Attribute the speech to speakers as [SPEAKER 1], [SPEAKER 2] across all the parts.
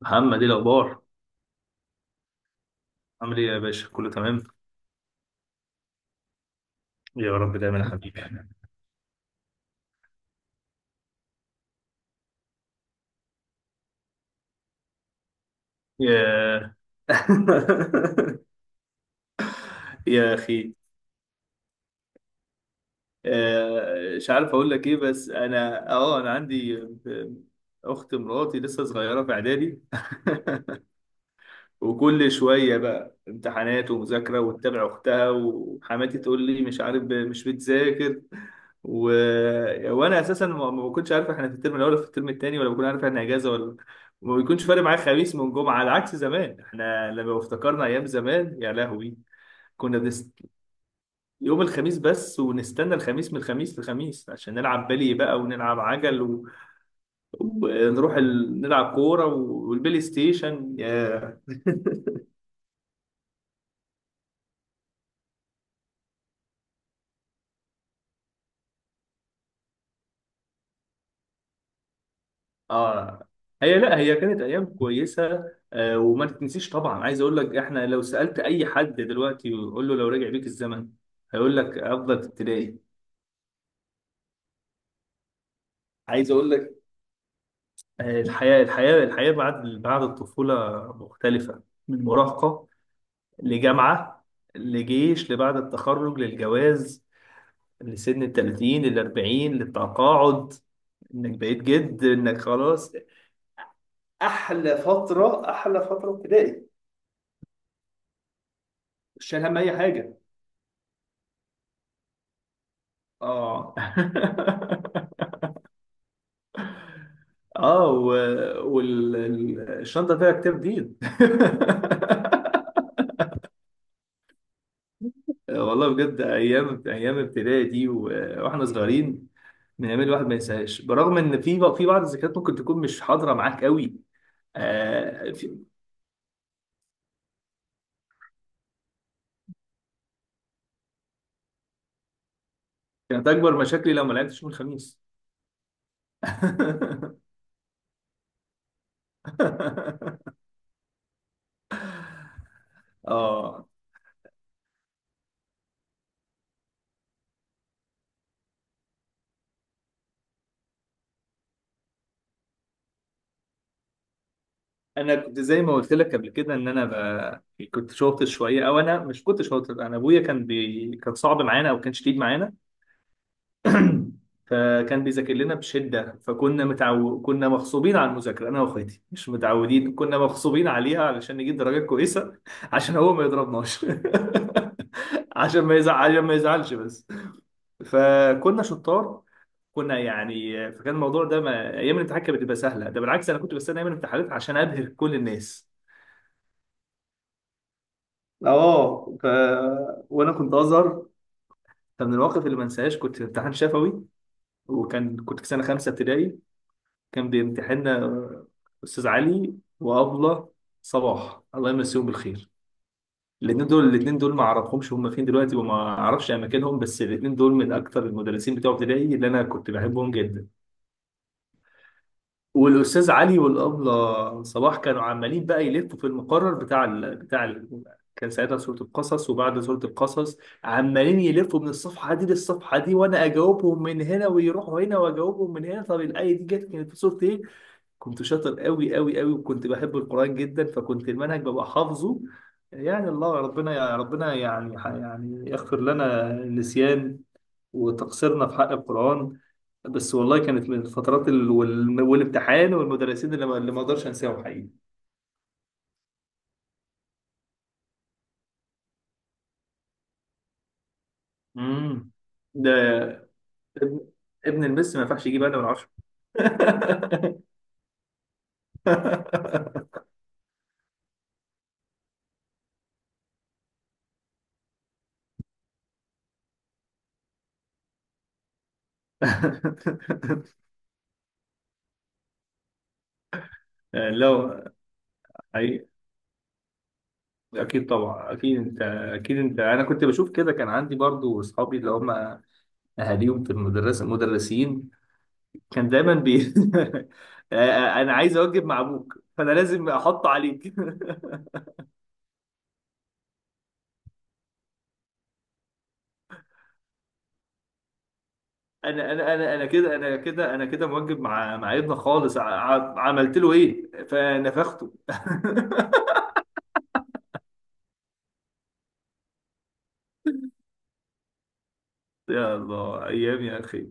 [SPEAKER 1] محمد ايه الاخبار؟ عامل ايه يا باشا؟ كله تمام. يا رب دايما يا حبيبي. يا... يا اخي. آه، مش عارف اقول لك ايه، بس انا انا عندي اخت مراتي لسه صغيره في اعدادي. وكل شويه بقى امتحانات ومذاكره، وتتابع اختها، وحماتي تقول لي مش عارف مش بتذاكر و... وانا اساسا ما بكونش عارف احنا في الترم الاول ولا في الترم الثاني، ولا بكون عارف احنا اجازه ولا، وما بيكونش فارق معايا خميس من جمعه. على عكس زمان، احنا لما افتكرنا ايام زمان يا لهوي، كنا بنست... يوم الخميس بس، ونستنى الخميس من الخميس للخميس عشان نلعب بلي بقى، ونلعب عجل و... ونروح نلعب كوره و... والبلاي ستيشن، يا. اه، هي لا، هي كانت ايام كويسه آه، وما تتنسيش طبعا. عايز اقول لك، احنا لو سالت اي حد دلوقتي وقول له لو رجع بيك الزمن هيقول لك افضل ابتدائي. عايز اقول لك آه، الحياه، الحياه، الحياه بعد، بعد الطفوله مختلفه، من مراهقه لجامعه، لجيش، لبعد التخرج، للجواز، لسن ال 30، لل 40، للتقاعد. انك بقيت جد، انك خلاص. احلى فتره، احلى فتره ابتدائي. مش شايل هم اي حاجه. اه. اه، والشنطه فيها كتاب دين. والله بجد ايام، ايام ابتدائي دي و- واحنا صغيرين، من ايام الواحد ما ينساهاش، برغم ان في في بعض الذكريات ممكن تكون مش حاضره معاك قوي. آه في- كانت اكبر مشاكلي لو ما لعبتش يوم الخميس. اه، انا كنت زي ما قلت لك قبل كده ان انا كنت شاطر شويه، او انا مش كنت شاطر. انا ابويا كان كان صعب معانا، او كان شديد معانا. فكان بيذاكر لنا بشدة، فكنا كنا مغصوبين على المذاكرة، أنا وأخواتي مش متعودين، كنا مغصوبين عليها علشان نجيب درجات كويسة. عشان هو ما يضربناش. عشان ما يزعلش بس. فكنا شطار، كنا يعني، فكان الموضوع ده ما... أيام الامتحان كانت بتبقى سهلة. ده بالعكس، أنا كنت بستنى أيام الامتحانات عشان أبهر كل الناس. اه وانا كنت ازهر. فمن المواقف اللي ما انساهاش، كنت في امتحان شفوي، كنت في سنه خمسه ابتدائي. كان بيمتحننا أستاذ علي وأبلة صباح، الله يمسيهم بالخير. الاثنين دول، الاثنين دول ما اعرفهمش هم فين دلوقتي، وما اعرفش اماكنهم، بس الاثنين دول من اكتر المدرسين بتوع ابتدائي اللي انا كنت بحبهم جدا. والاستاذ علي والابله صباح كانوا عمالين بقى يلفوا في المقرر بتاع كان ساعتها سورة القصص وبعد سورة القصص، عمالين يلفوا من الصفحة دي للصفحة دي، وأنا أجاوبهم من هنا، ويروحوا هنا وأجاوبهم من هنا. طب الآية دي جت كانت في سورة إيه؟ كنت شاطر قوي قوي قوي، وكنت بحب القرآن جدا، فكنت المنهج ببقى حافظه. يعني الله، ربنا يا ربنا، يعني يغفر لنا النسيان وتقصيرنا في حق القرآن. بس والله كانت من الفترات والامتحان والمدرسين اللي ما اقدرش انساهم حقيقي. امم، ده ابن، ابن المس ما ينفعش يجيب انا من عشرة. لو اكيد طبعا، اكيد انت اكيد انت انا كنت بشوف كده. كان عندي برضو اصحابي اللي هم اهاليهم في المدرسه مدرسين، كان دايما بي. انا عايز اوجب مع ابوك، فانا لازم احط عليك. انا انا انا انا كده انا كده انا كده موجب مع ابني خالص، عملت له ايه فنفخته. يا الله، ايام يا اخي.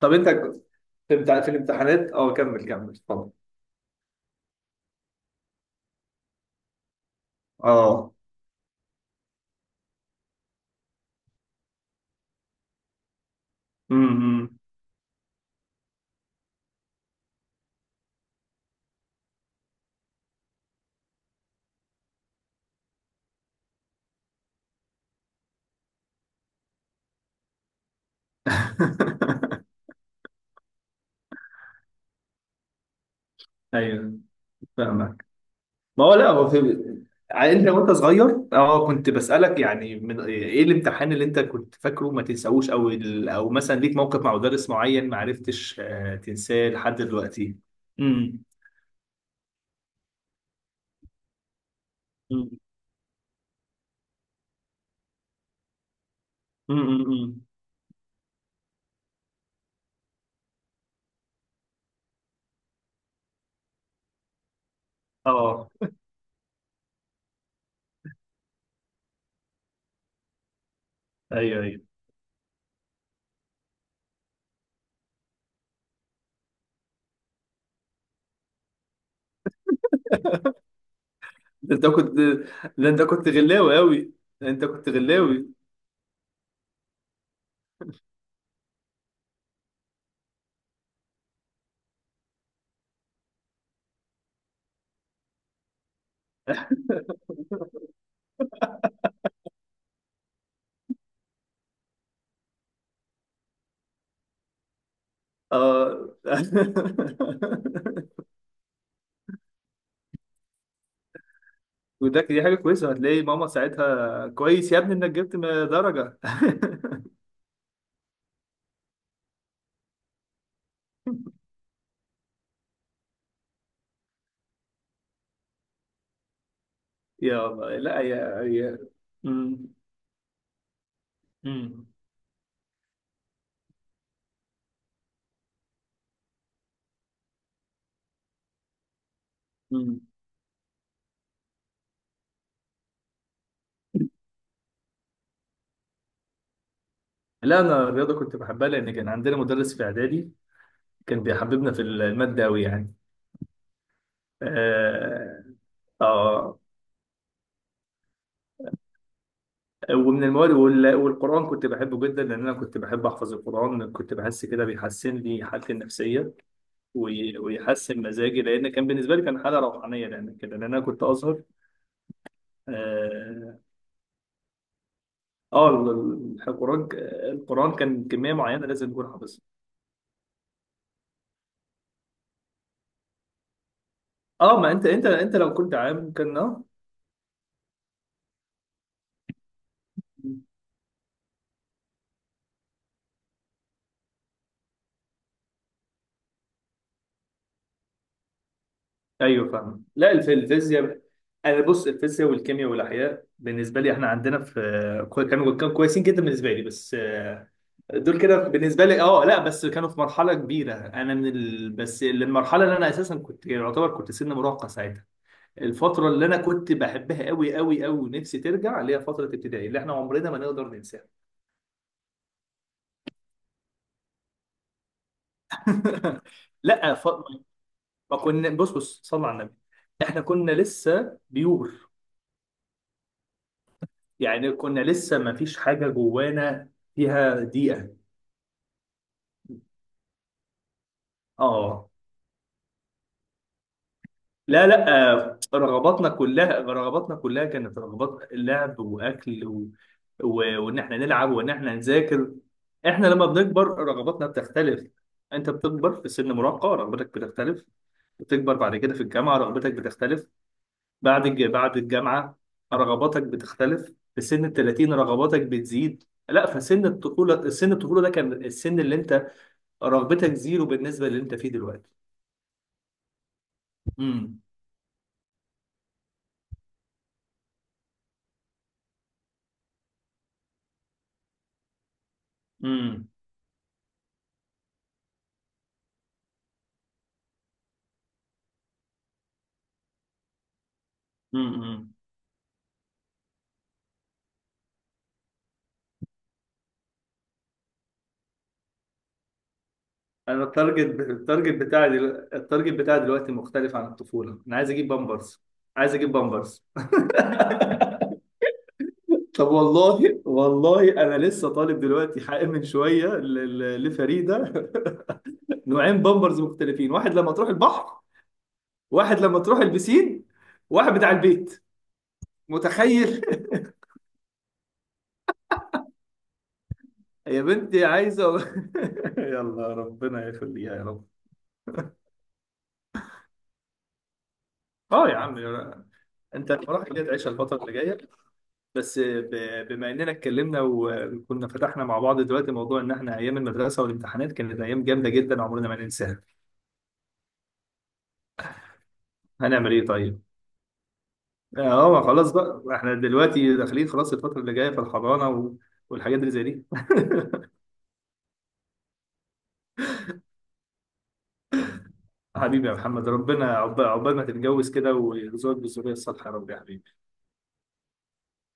[SPEAKER 1] طب انت ك- في الامتحانات اه، كمل، كمل اتفضل. اه، امم. ايوه، فاهمك. ما هو لا هو في انت وانت صغير اه، كنت بسألك يعني، من ايه الامتحان اللي انت كنت فاكره ما تنساهوش، او او مثلا ليك موقف مع مدرس معين ما عرفتش تنساه لحد دلوقتي؟ امم، امم، امم. اه، ايوه، ايوه. ده انت كنت ده انت كنت غلاوي قوي. انت كنت غلاوي. اه. دي حاجه كويسه، هتلاقي ماما ساعتها كويس يا ابني انك جبت درجه. يا الله، لا يا، يا. مم. مم. لا انا الرياضه كنت بحبها، لان كان عندنا مدرس في اعدادي كان بيحببنا في الماده قوي يعني. آه. آه. ومن المواد والقرآن كنت بحبه جدا، لأن أنا كنت بحب أحفظ القرآن، كنت بحس كده بيحسن لي حالتي النفسية ويحسن مزاجي، لأن كان بالنسبة لي كان حالة روحانية، لأن كده، لأن أنا كنت أزهر. آه. آه، القرآن، القرآن كان كمية معينة لازم تكون حافظها. آه، ما أنت أنت لو كنت عام كان آه. ايوه، فاهم. لا، الفيزياء، انا بص الفيزياء والكيمياء والاحياء بالنسبه لي، احنا عندنا في كانوا، كانوا كويسين جدا بالنسبه لي، بس آه، دول كده بالنسبه لي اه. لا بس كانوا في مرحله كبيره، انا من بس المرحله اللي انا اساسا كنت يعتبر كنت سن مراهقه ساعتها. الفتره اللي انا كنت بحبها قوي قوي قوي ونفسي ترجع اللي هي فتره ابتدائي، اللي احنا عمرنا ما نقدر ننساها. لا ما كنا، بص بص صلى على النبي، احنا كنا لسه بيور يعني، كنا لسه ما فيش حاجة جوانا فيها دقيقة. اه، لا لا آه، رغباتنا كلها كانت رغبات لعب واكل و... و... وان احنا نلعب، وان احنا نذاكر. احنا لما بنكبر رغباتنا بتختلف. انت بتكبر في سن مراهقة رغبتك بتختلف. بتكبر بعد كده في الجامعة رغبتك بتختلف. بعد الجامعة رغباتك بتختلف. في سن ال 30 رغباتك بتزيد. لا، فسن الطفولة، سن الطفولة ده كان السن اللي انت رغبتك زيرو بالنسبه للي انت فيه دلوقتي. امم، امم، امم. انا التارجت، التارجت بتاعي دلوقتي مختلف عن الطفوله. انا عايز اجيب بامبرز، عايز اجيب بامبرز. طب والله، والله انا لسه طالب دلوقتي حق من شويه لفريده. نوعين بامبرز مختلفين: واحد لما تروح البحر، واحد لما تروح البسين، واحد بتاع البيت، متخيل؟ يا بنتي عايزه. يلا ربنا يخليها يا رب. اه يا عم، انت الفرح اللي تعيشها الفتره اللي جايه. بس بما اننا اتكلمنا وكنا فتحنا مع بعض دلوقتي موضوع ان احنا ايام المدرسه والامتحانات كانت ايام جامده جدا عمرنا ما ننساها، هنعمل ايه طيب؟ اه، ما خلاص بقى، احنا دلوقتي داخلين خلاص الفتره اللي جايه في الحضانه و- والحاجات اللي زي دي. حبيبي يا محمد، ربنا عقبال ما تتجوز كده ويرزقك بالذريه الصالحه يا رب يا حبيبي.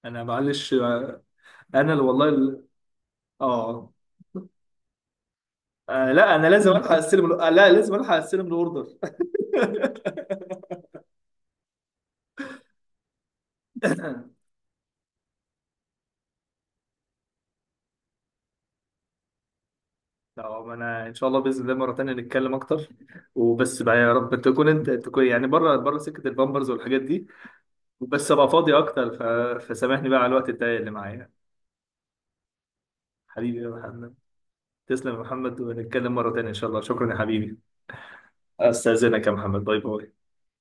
[SPEAKER 1] انا معلش آه، انا اللي والله ال- اه آه، لا انا لازم الحق استلم ال- آه، لا لازم الحق استلم الاوردر. لا ما انا ان شاء الله، باذن الله مره تانية نتكلم اكتر، وبس بقى يا رب تكون انت تكون يعني بره سكه البامبرز والحاجات دي، وبس ابقى فاضي اكتر فسامحني بقى على الوقت الضيق اللي معايا. حبيبي يا محمد، تسلم يا محمد، ونتكلم مره تانية ان شاء الله. شكرا يا حبيبي، استاذنك يا محمد، باي باي.